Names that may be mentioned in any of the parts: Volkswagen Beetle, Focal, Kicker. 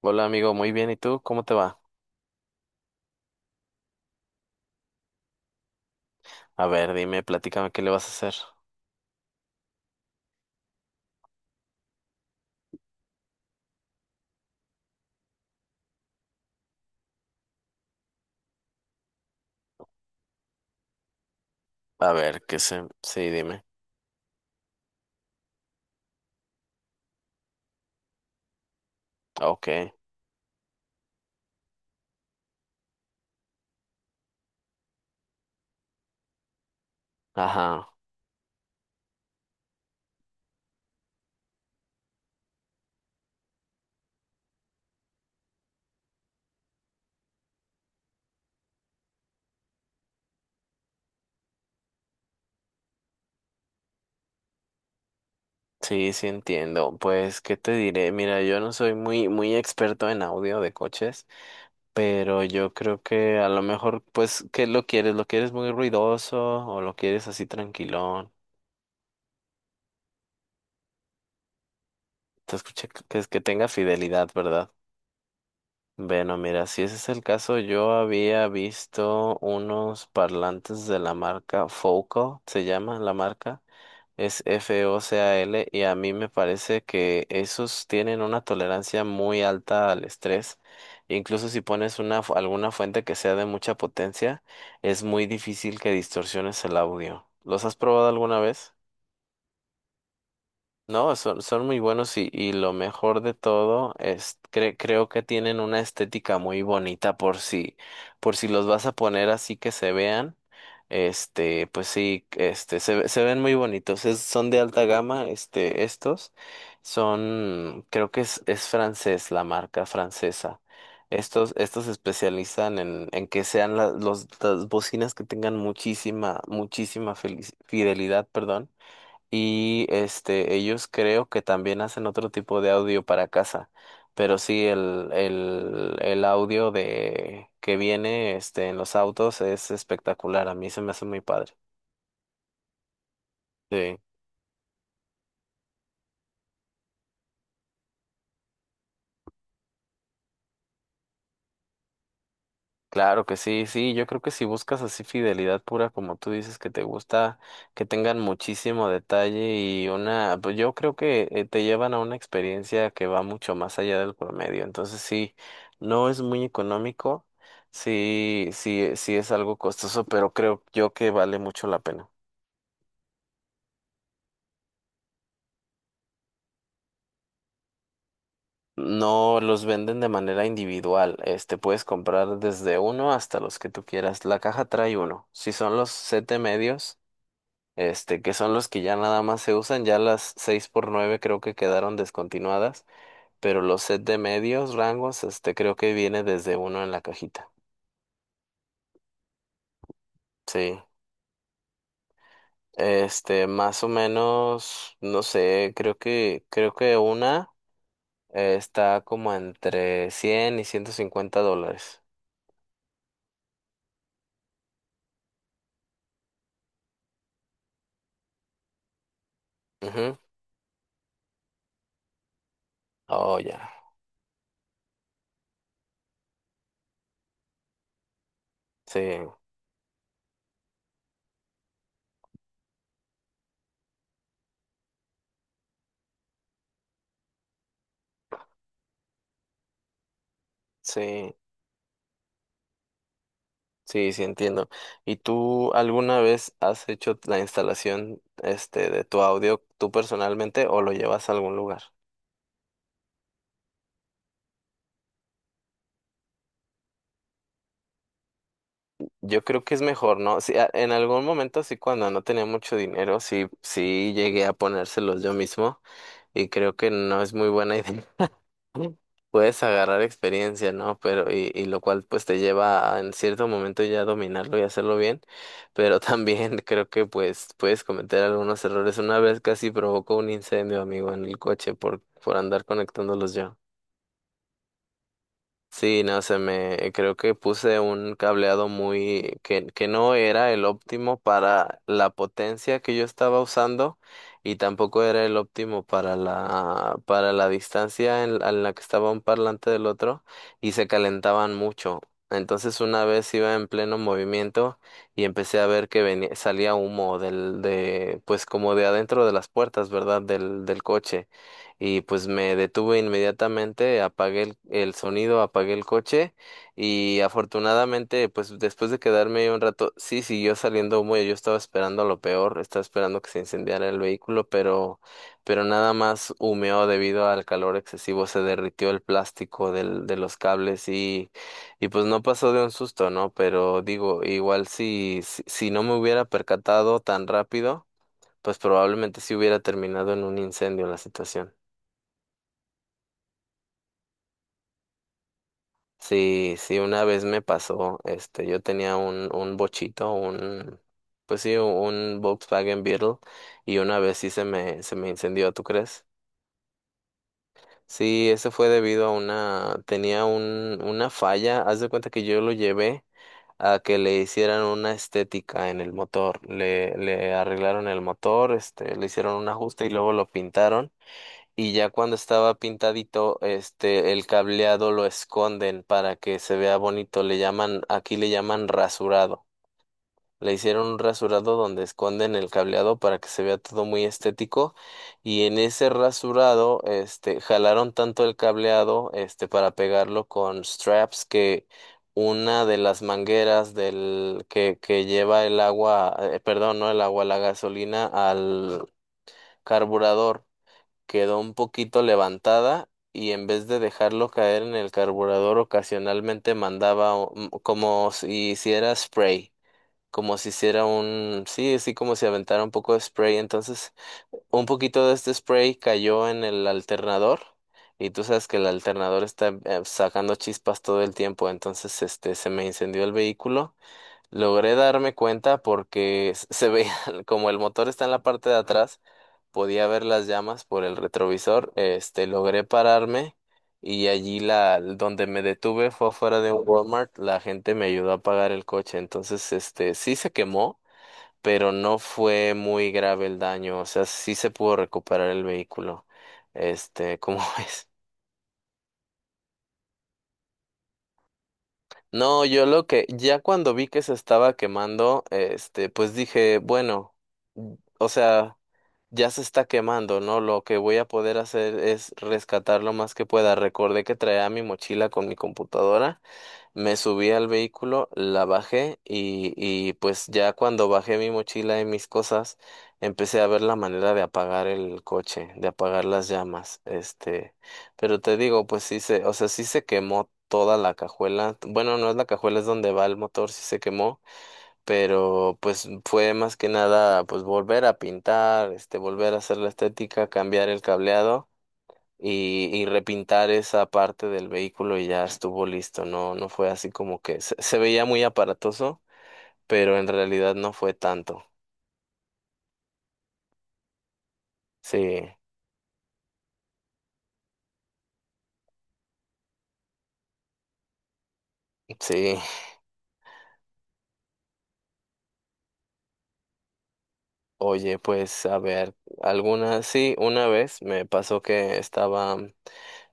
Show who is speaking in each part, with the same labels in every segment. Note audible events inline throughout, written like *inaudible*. Speaker 1: Hola amigo, muy bien. ¿Y tú? ¿Cómo te va? A ver, dime, platícame qué le vas a hacer. A ver, sí, dime. Ok. Ajá. Sí, sí entiendo. Pues, ¿qué te diré? Mira, yo no soy muy, muy experto en audio de coches, pero yo creo que a lo mejor, pues, ¿qué lo quieres? ¿Lo quieres muy ruidoso o lo quieres así tranquilón? Te escuché que tenga fidelidad, ¿verdad? Bueno, mira, si ese es el caso, yo había visto unos parlantes de la marca Focal, se llama la marca, es Focal, y a mí me parece que esos tienen una tolerancia muy alta al estrés. Incluso si pones alguna fuente que sea de mucha potencia, es muy difícil que distorsiones el audio. ¿Los has probado alguna vez? No, son muy buenos, y lo mejor de todo es creo que tienen una estética muy bonita por si los vas a poner así que se vean. Pues sí, se ven muy bonitos. Son de alta gama, estos son creo que es francés, la marca francesa. Estos se especializan en que sean la- los las bocinas, que tengan muchísima muchísima fidelidad, perdón, y ellos creo que también hacen otro tipo de audio para casa. Pero sí, el audio de que viene en los autos es espectacular. A mí se me hace muy padre. Sí. Claro que sí, sí, yo creo que si buscas así fidelidad pura, como tú dices, que te gusta, que tengan muchísimo detalle y una, pues yo creo que te llevan a una experiencia que va mucho más allá del promedio. Entonces sí, no es muy económico, sí, sí, sí es algo costoso, pero creo yo que vale mucho la pena. No los venden de manera individual, puedes comprar desde uno hasta los que tú quieras. La caja trae uno. Si son los siete medios, que son los que ya nada más se usan. Ya las 6x9 creo que quedaron descontinuadas, pero los set de medios rangos, creo que viene desde uno en la cajita. Sí. Más o menos, no sé, creo que una está como entre 100 y $150. Ujú. Oh, ya. Sí, sí. Sí, sí entiendo. ¿Y tú alguna vez has hecho la instalación de tu audio tú personalmente o lo llevas a algún lugar? Yo creo que es mejor, ¿no? Sí, en algún momento sí, cuando no tenía mucho dinero, sí llegué a ponérselos yo mismo, y creo que no es muy buena *laughs* idea. Puedes agarrar experiencia, ¿no? Pero, y lo cual pues te lleva a, en cierto momento, ya dominarlo y hacerlo bien, pero también *laughs* creo que pues puedes cometer algunos errores. Una vez casi provocó un incendio, amigo, en el coche por, andar conectándolos yo. Sí, no sé, me creo que puse un cableado muy, que no era el óptimo para la potencia que yo estaba usando, y tampoco era el óptimo para la distancia en la que estaba un parlante del otro, y se calentaban mucho. Entonces, una vez iba en pleno movimiento y empecé a ver que salía humo del de, pues, como de adentro de las puertas, ¿verdad? Del coche, y pues me detuve inmediatamente, apagué el sonido, apagué el coche, y afortunadamente, pues después de quedarme ahí un rato, sí, siguió saliendo humo, y yo estaba esperando lo peor, estaba esperando que se incendiara el vehículo, pero, nada más humeó debido al calor excesivo. Se derritió el plástico de los cables, y pues no pasó de un susto, ¿no? Pero digo, igual, si no me hubiera percatado tan rápido, pues probablemente sí hubiera terminado en un incendio la situación. Sí, sí, una vez me pasó, yo tenía un, bochito, pues sí, un Volkswagen Beetle, y una vez sí se me incendió, ¿tú crees? Sí, eso fue debido a tenía una falla. Haz de cuenta que yo lo llevé a que le hicieran una estética en el motor, le arreglaron el motor, le hicieron un ajuste y luego lo pintaron, y ya cuando estaba pintadito, el cableado lo esconden para que se vea bonito. Le llaman, aquí le llaman rasurado. Le hicieron un rasurado donde esconden el cableado para que se vea todo muy estético. Y en ese rasurado, jalaron tanto el cableado, para pegarlo con straps, que una de las mangueras del, que lleva el agua, perdón, no el agua, la gasolina al carburador, quedó un poquito levantada, y en vez de dejarlo caer en el carburador ocasionalmente mandaba como si hiciera spray, como si hiciera sí, así, como si aventara un poco de spray. Entonces, un poquito de este spray cayó en el alternador, y tú sabes que el alternador está, sacando chispas todo el tiempo, entonces se me incendió el vehículo. Logré darme cuenta porque *laughs* se veía *laughs* como el motor está en la parte de atrás, podía ver las llamas por el retrovisor. Logré pararme, y allí donde me detuve fue afuera de un Walmart. La gente me ayudó a apagar el coche. Entonces, sí se quemó, pero no fue muy grave el daño, o sea, sí se pudo recuperar el vehículo. ¿Cómo *laughs* ves? No, ya cuando vi que se estaba quemando, pues dije, bueno, o sea, ya se está quemando, ¿no? Lo que voy a poder hacer es rescatar lo más que pueda. Recordé que traía mi mochila con mi computadora, me subí al vehículo, la bajé, y pues ya cuando bajé mi mochila y mis cosas, empecé a ver la manera de apagar el coche, de apagar las llamas. Pero te digo, pues o sea, sí se quemó toda la cajuela. Bueno, no es la cajuela, es donde va el motor. Sí se quemó, pero pues fue más que nada pues volver a pintar, volver a hacer la estética, cambiar el cableado, y repintar esa parte del vehículo, y ya estuvo listo. No, no fue así como que se veía muy aparatoso, pero en realidad no fue tanto. Sí, sí. Oye, pues, a ver, alguna, sí, una vez me pasó que estaba,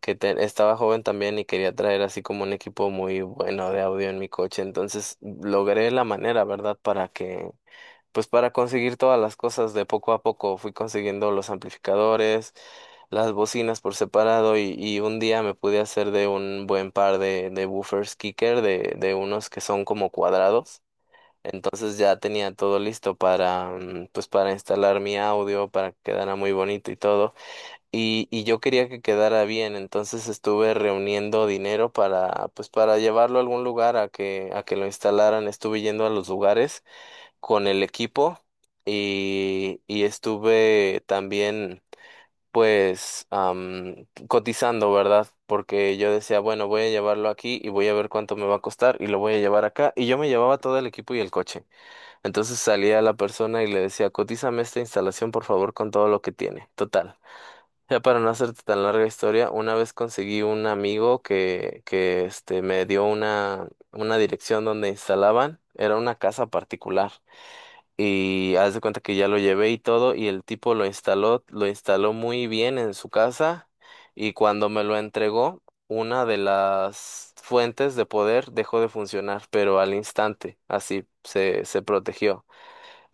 Speaker 1: que estaba joven también, y quería traer así como un equipo muy bueno de audio en mi coche. Entonces logré la manera, ¿verdad? Pues para conseguir todas las cosas de poco a poco, fui consiguiendo los amplificadores, las bocinas por separado, y, un día me pude hacer de un buen par de, woofers kicker, de unos que son como cuadrados. Entonces ya tenía todo listo para, pues para instalar mi audio, para que quedara muy bonito y todo. Y yo quería que quedara bien, entonces estuve reuniendo dinero para, pues para llevarlo a algún lugar a que, lo instalaran. Estuve yendo a los lugares con el equipo, y estuve también, pues, cotizando, ¿verdad? Porque yo decía, bueno, voy a llevarlo aquí y voy a ver cuánto me va a costar, y lo voy a llevar acá. Y yo me llevaba todo el equipo y el coche. Entonces salía la persona y le decía, cotízame esta instalación por favor, con todo lo que tiene. Total. Ya, para no hacerte tan larga historia, una vez conseguí un amigo, que me dio una dirección donde instalaban. Era una casa particular. Y haz de cuenta que ya lo llevé y todo, y el tipo lo instaló muy bien en su casa. Y cuando me lo entregó, una de las fuentes de poder dejó de funcionar, pero al instante, así se protegió.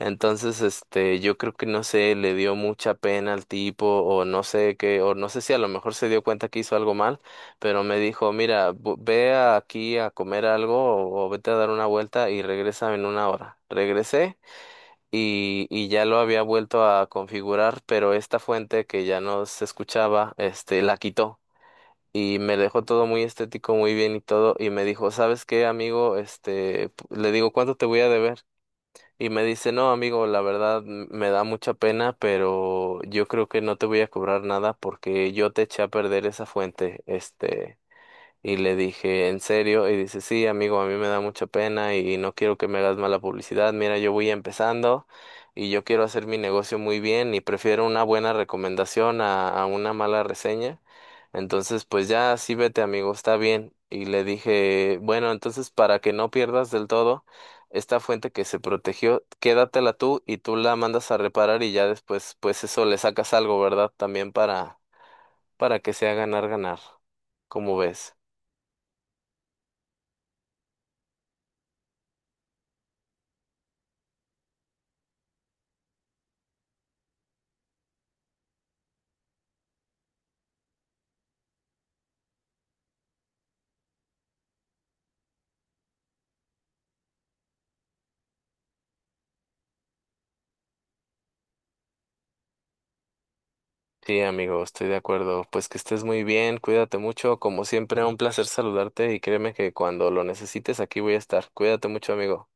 Speaker 1: Entonces, yo creo que no sé, le dio mucha pena al tipo, o no sé qué, o no sé si a lo mejor se dio cuenta que hizo algo mal, pero me dijo, mira, aquí a comer algo, o vete a dar una vuelta y regresa en una hora. Regresé, y ya lo había vuelto a configurar, pero esta fuente que ya no se escuchaba, la quitó. Y me dejó todo muy estético, muy bien y todo, y me dijo, ¿sabes qué, amigo? Le digo, ¿cuánto te voy a deber? Y me dice, no, amigo, la verdad, me da mucha pena, pero yo creo que no te voy a cobrar nada, porque yo te eché a perder esa fuente. Y le dije, ¿en serio? Y dice, sí, amigo, a mí me da mucha pena y no quiero que me hagas mala publicidad. Mira, yo voy empezando, y yo quiero hacer mi negocio muy bien, y prefiero una buena recomendación a una mala reseña. Entonces, pues ya, sí, vete, amigo, está bien. Y le dije, bueno, entonces, para que no pierdas del todo esta fuente que se protegió, quédatela tú y tú la mandas a reparar, y ya después, pues, eso, le sacas algo, ¿verdad? También para que sea ganar, ganar. ¿Cómo ves? Sí, amigo, estoy de acuerdo. Pues que estés muy bien, cuídate mucho. Como siempre, un placer saludarte, y créeme que cuando lo necesites aquí voy a estar. Cuídate mucho, amigo.